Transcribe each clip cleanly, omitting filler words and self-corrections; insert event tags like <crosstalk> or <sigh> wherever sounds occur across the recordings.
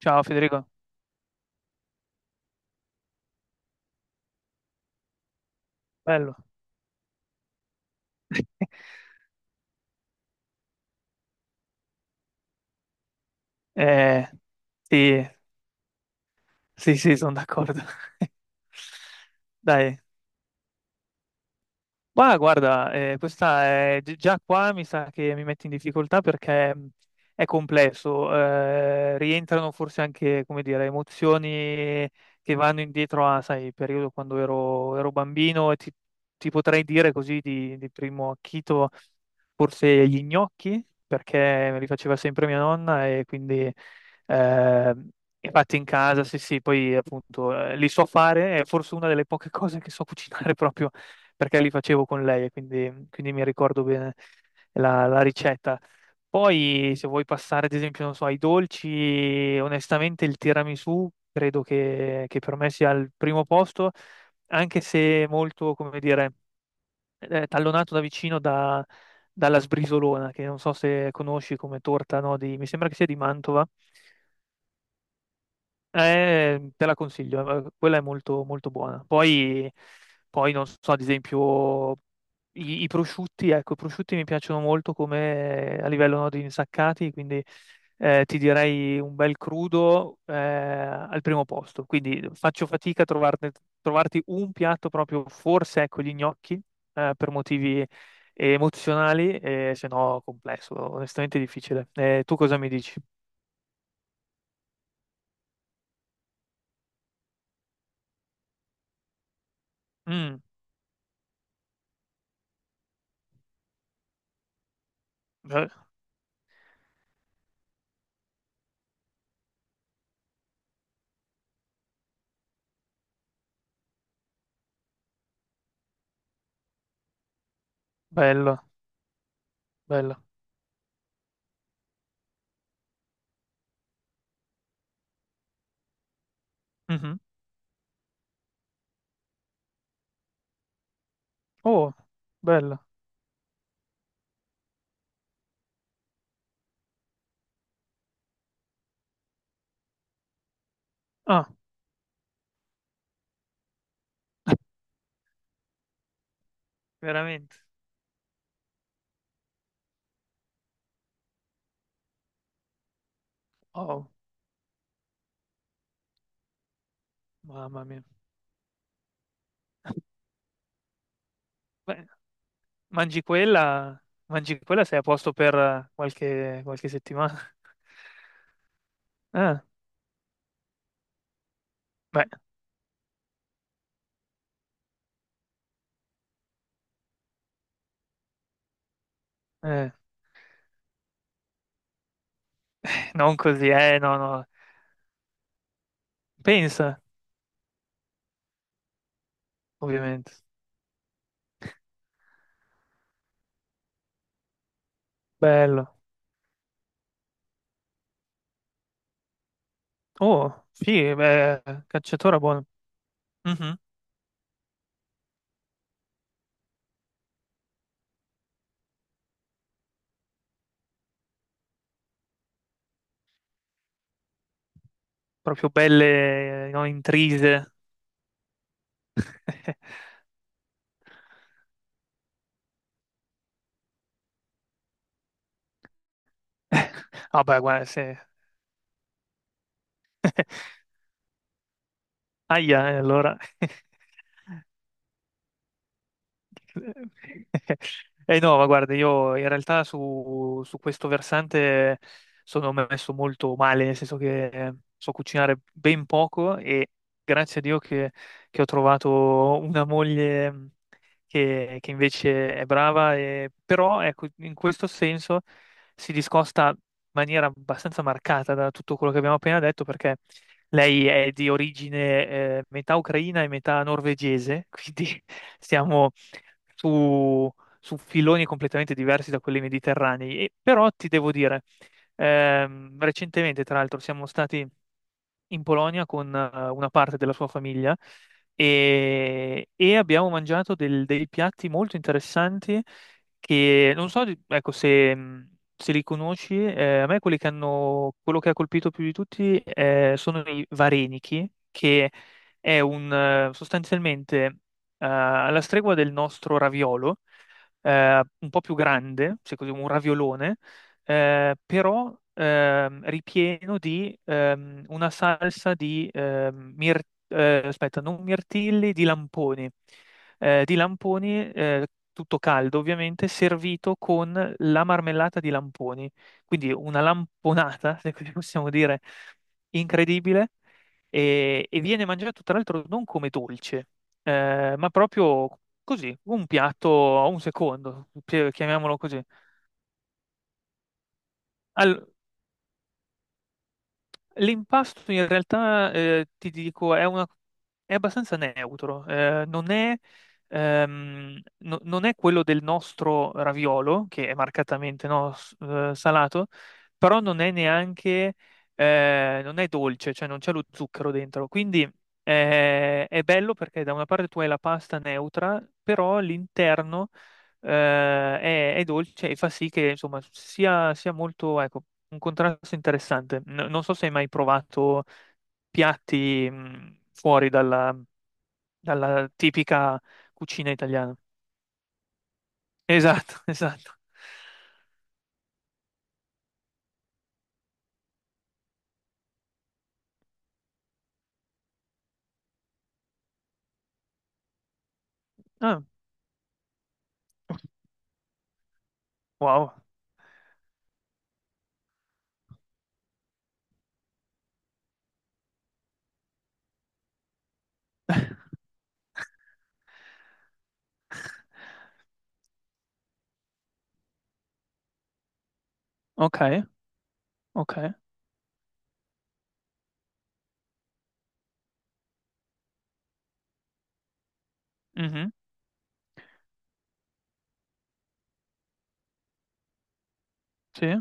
Ciao, Federico. Bello. Eh, sì, sì, sì, sono d'accordo. <laughs> Dai, ma guarda, questa è già qua mi sa che mi metti in difficoltà perché è complesso. Rientrano forse anche, come dire, emozioni che vanno indietro a, sai, il periodo quando ero bambino e ti potrei dire così di, primo acchito forse gli gnocchi, perché me li faceva sempre mia nonna e quindi eh, fatti in casa, sì, sì, poi appunto li so fare, è forse una delle poche <laughs> cose che so cucinare <laughs> proprio perché li facevo con lei e quindi mi ricordo bene la ricetta. Poi se vuoi passare ad esempio, non so, ai dolci, onestamente il tiramisù credo che per me sia al primo posto, anche se molto, come dire tallonato da vicino dalla sbrisolona, che non so se conosci come torta, no, mi sembra che sia di Mantova. Te la consiglio, quella è molto, molto buona. Poi non so, ad esempio, i prosciutti, ecco, i prosciutti mi piacciono molto come a livello no, di insaccati, quindi ti direi un bel crudo al primo posto. Quindi faccio fatica a trovarti un piatto proprio, forse ecco gli gnocchi, per motivi emozionali, se no complesso, onestamente difficile. Tu cosa mi dici? Mm, be- bello, bello. Mhm. Oh, bella. Ah, veramente. Oh, mamma mia. Beh, mangi quella, mangi quella sei a posto per qualche settimana. <laughs> Ah, beh, eh, non così, no, no. Pensa, ovviamente. Bello. Oh, sì, beh, cacciatore buono. Mhm. Proprio belle, no, intrise. <laughs> Vabbè, guarda, se— <laughs> Aia, allora. <laughs> Eh no, ma guarda, io in realtà su questo versante sono messo molto male, nel senso che so cucinare ben poco e grazie a Dio che ho trovato una moglie che invece è brava, però ecco, in questo senso si discosta in maniera abbastanza marcata da tutto quello che abbiamo appena detto perché lei è di origine metà ucraina e metà norvegese, quindi <laughs> stiamo su, su filoni completamente diversi da quelli mediterranei. E, però ti devo dire, recentemente, tra l'altro, siamo stati in Polonia con una parte della sua famiglia e abbiamo mangiato dei piatti molto interessanti che non so, ecco, se li conosci, a me quello che ha colpito più di tutti sono i varenichi, che è un sostanzialmente alla stregua del nostro raviolo, un po' più grande, se così un raviolone, però ripieno di una salsa di aspetta, non mirtilli, di lamponi. Di lamponi tutto caldo ovviamente, servito con la marmellata di lamponi, quindi una lamponata, <laughs> se così possiamo dire, incredibile e viene mangiato tra l'altro non come dolce, ma proprio così, un piatto, a un secondo, chiamiamolo così. Al- l'impasto in realtà, ti dico, è abbastanza neutro, non è quello del nostro raviolo, che è marcatamente no, salato, però non è neanche, non è dolce, cioè non c'è lo zucchero dentro, quindi. È bello perché da una parte tu hai la pasta neutra, però all'interno è dolce e fa sì che insomma sia molto, ecco, un contrasto interessante. Non so se hai mai provato piatti fuori dalla tipica cucina italiana. Esatto, <laughs> esatto. Ah, wow. Ok, ok. Mhm, sì.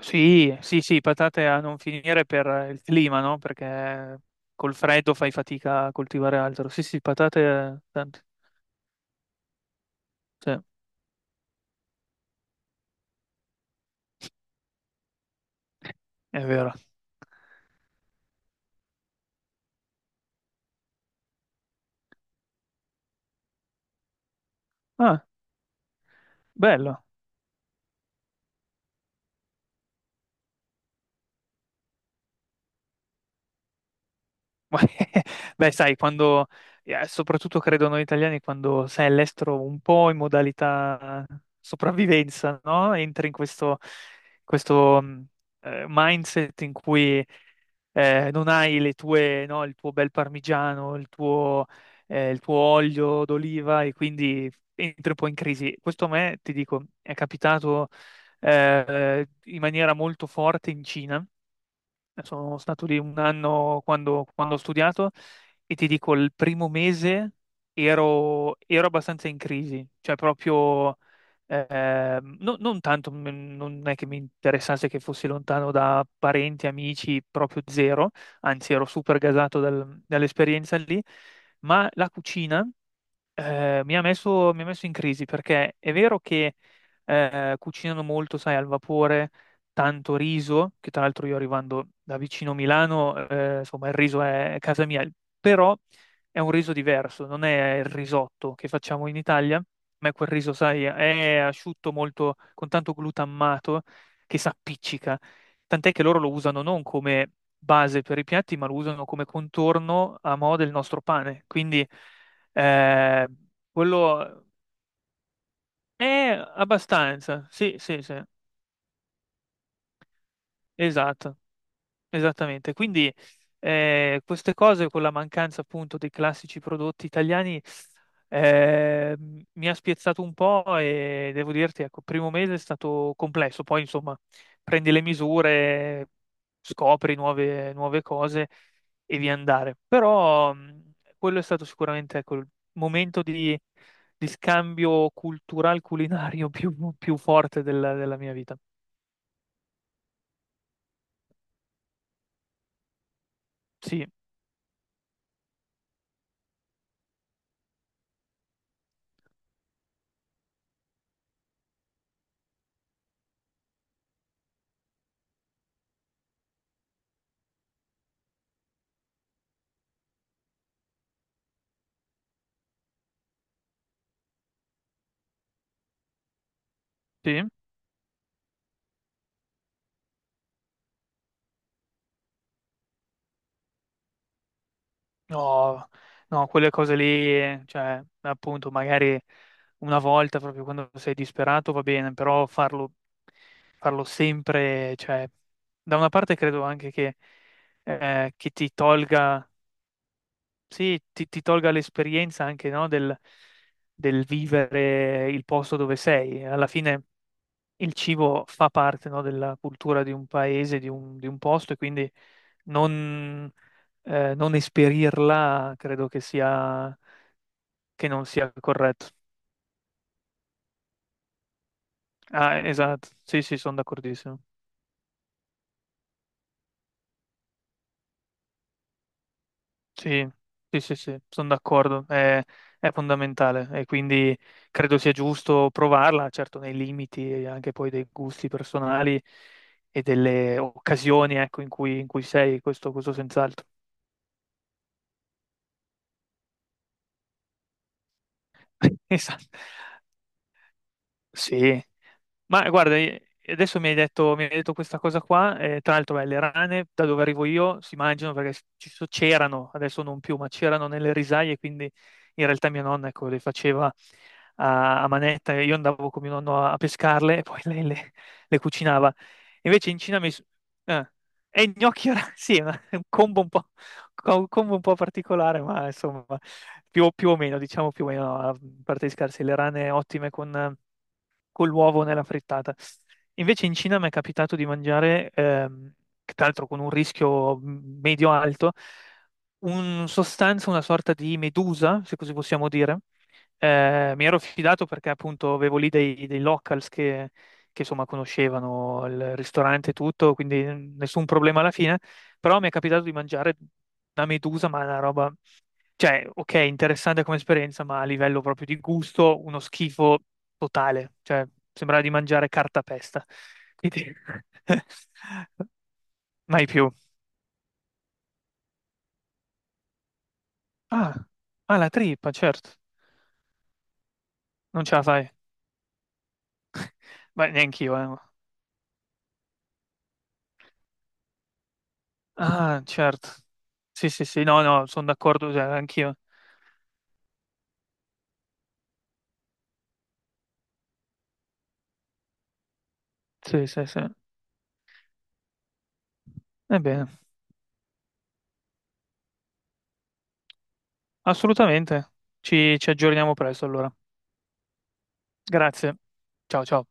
Sì, sì, sì, patate a non finire per il clima, no? Perché col freddo fai fatica a coltivare altro. Sì, sì, patate tante. Sì. È vero. Ah, bello. <laughs> Beh, sai, quando, soprattutto credo noi italiani, quando sei all'estero un po' in modalità sopravvivenza, no? Entri in questo mindset in cui non hai le tue, no, il tuo bel parmigiano, il tuo olio d'oliva e quindi entri un po' in crisi. Questo a me, ti dico, è capitato in maniera molto forte in Cina. Sono stato lì un anno quando ho studiato e ti dico, il primo mese ero abbastanza in crisi, cioè proprio non tanto, non è che mi interessasse che fossi lontano da parenti, amici, proprio zero, anzi ero super gasato dall'esperienza lì, ma la cucina. Mi ha messo in crisi perché è vero che cucinano molto, sai, al vapore, tanto riso, che tra l'altro io arrivando da vicino Milano, insomma, il riso è casa mia, però è un riso diverso, non è il risotto che facciamo in Italia, ma è quel riso, sai, è asciutto molto, con tanto glutammato che si appiccica, tant'è che loro lo usano non come base per i piatti, ma lo usano come contorno a mo' del nostro pane, quindi. Eh, quello è abbastanza, sì, sì, sì, esatto. Esattamente, quindi queste cose con la mancanza appunto dei classici prodotti italiani mi ha spiazzato un po' e devo dirti, ecco, il primo mese è stato complesso, poi insomma prendi le misure, scopri nuove, nuove cose e via andare. Però quello è stato sicuramente ecco, il momento di scambio cultural culinario <laughs> più forte della mia vita. Sì, sì. No, no, quelle cose lì, cioè, appunto, magari una volta proprio quando sei disperato va bene, però farlo sempre, cioè, da una parte credo anche che ti tolga, sì, ti tolga l'esperienza anche, no, del vivere il posto dove sei. Alla fine il cibo fa parte, no, della cultura di un paese, di un posto, e quindi non, non esperirla credo che non sia corretto. Ah, esatto, sì, sì, sono d'accordissimo. Sì, sì, sì, sì, sono d'accordo, è fondamentale e quindi credo sia giusto provarla, certo nei limiti e anche poi dei gusti personali e delle occasioni, ecco, in cui sei, questo senz'altro. <laughs> Esatto. Sì, ma guarda, adesso mi hai detto questa cosa qua, tra l'altro beh, le rane da dove arrivo io si mangiano perché c'erano, adesso non più, ma c'erano nelle risaie, quindi in realtà mia nonna ecco, le faceva a manetta e io andavo con mio nonno a pescarle e poi <laughs> lei le cucinava. Invece in Cina mi— eh, e i gnocchi, <laughs> sì, è un combo un po', un combo un po', particolare, ma insomma, più o meno, diciamo più o meno, a parte di scarsi, le rane ottime con l'uovo nella frittata. Invece in Cina mi è capitato di mangiare, che tra l'altro con un rischio medio-alto, un sostanza, una sorta di medusa, se così possiamo dire. Mi ero fidato perché appunto avevo lì dei locals che, insomma conoscevano il ristorante e tutto, quindi nessun problema alla fine, però mi è capitato di mangiare una medusa, ma una roba, cioè, ok, interessante come esperienza, ma a livello proprio di gusto, uno schifo totale, cioè sembrava di mangiare cartapesta. Quindi <laughs> mai più. Ah, ah, la trippa, certo. Non ce la fai. Beh, neanche io, eh. Ah, certo. Sì, sì, sì, no, no, sono d'accordo, cioè, anch'io. Sì, sì, sì. Ebbene, assolutamente. Ci aggiorniamo presto allora. Grazie. Ciao, ciao.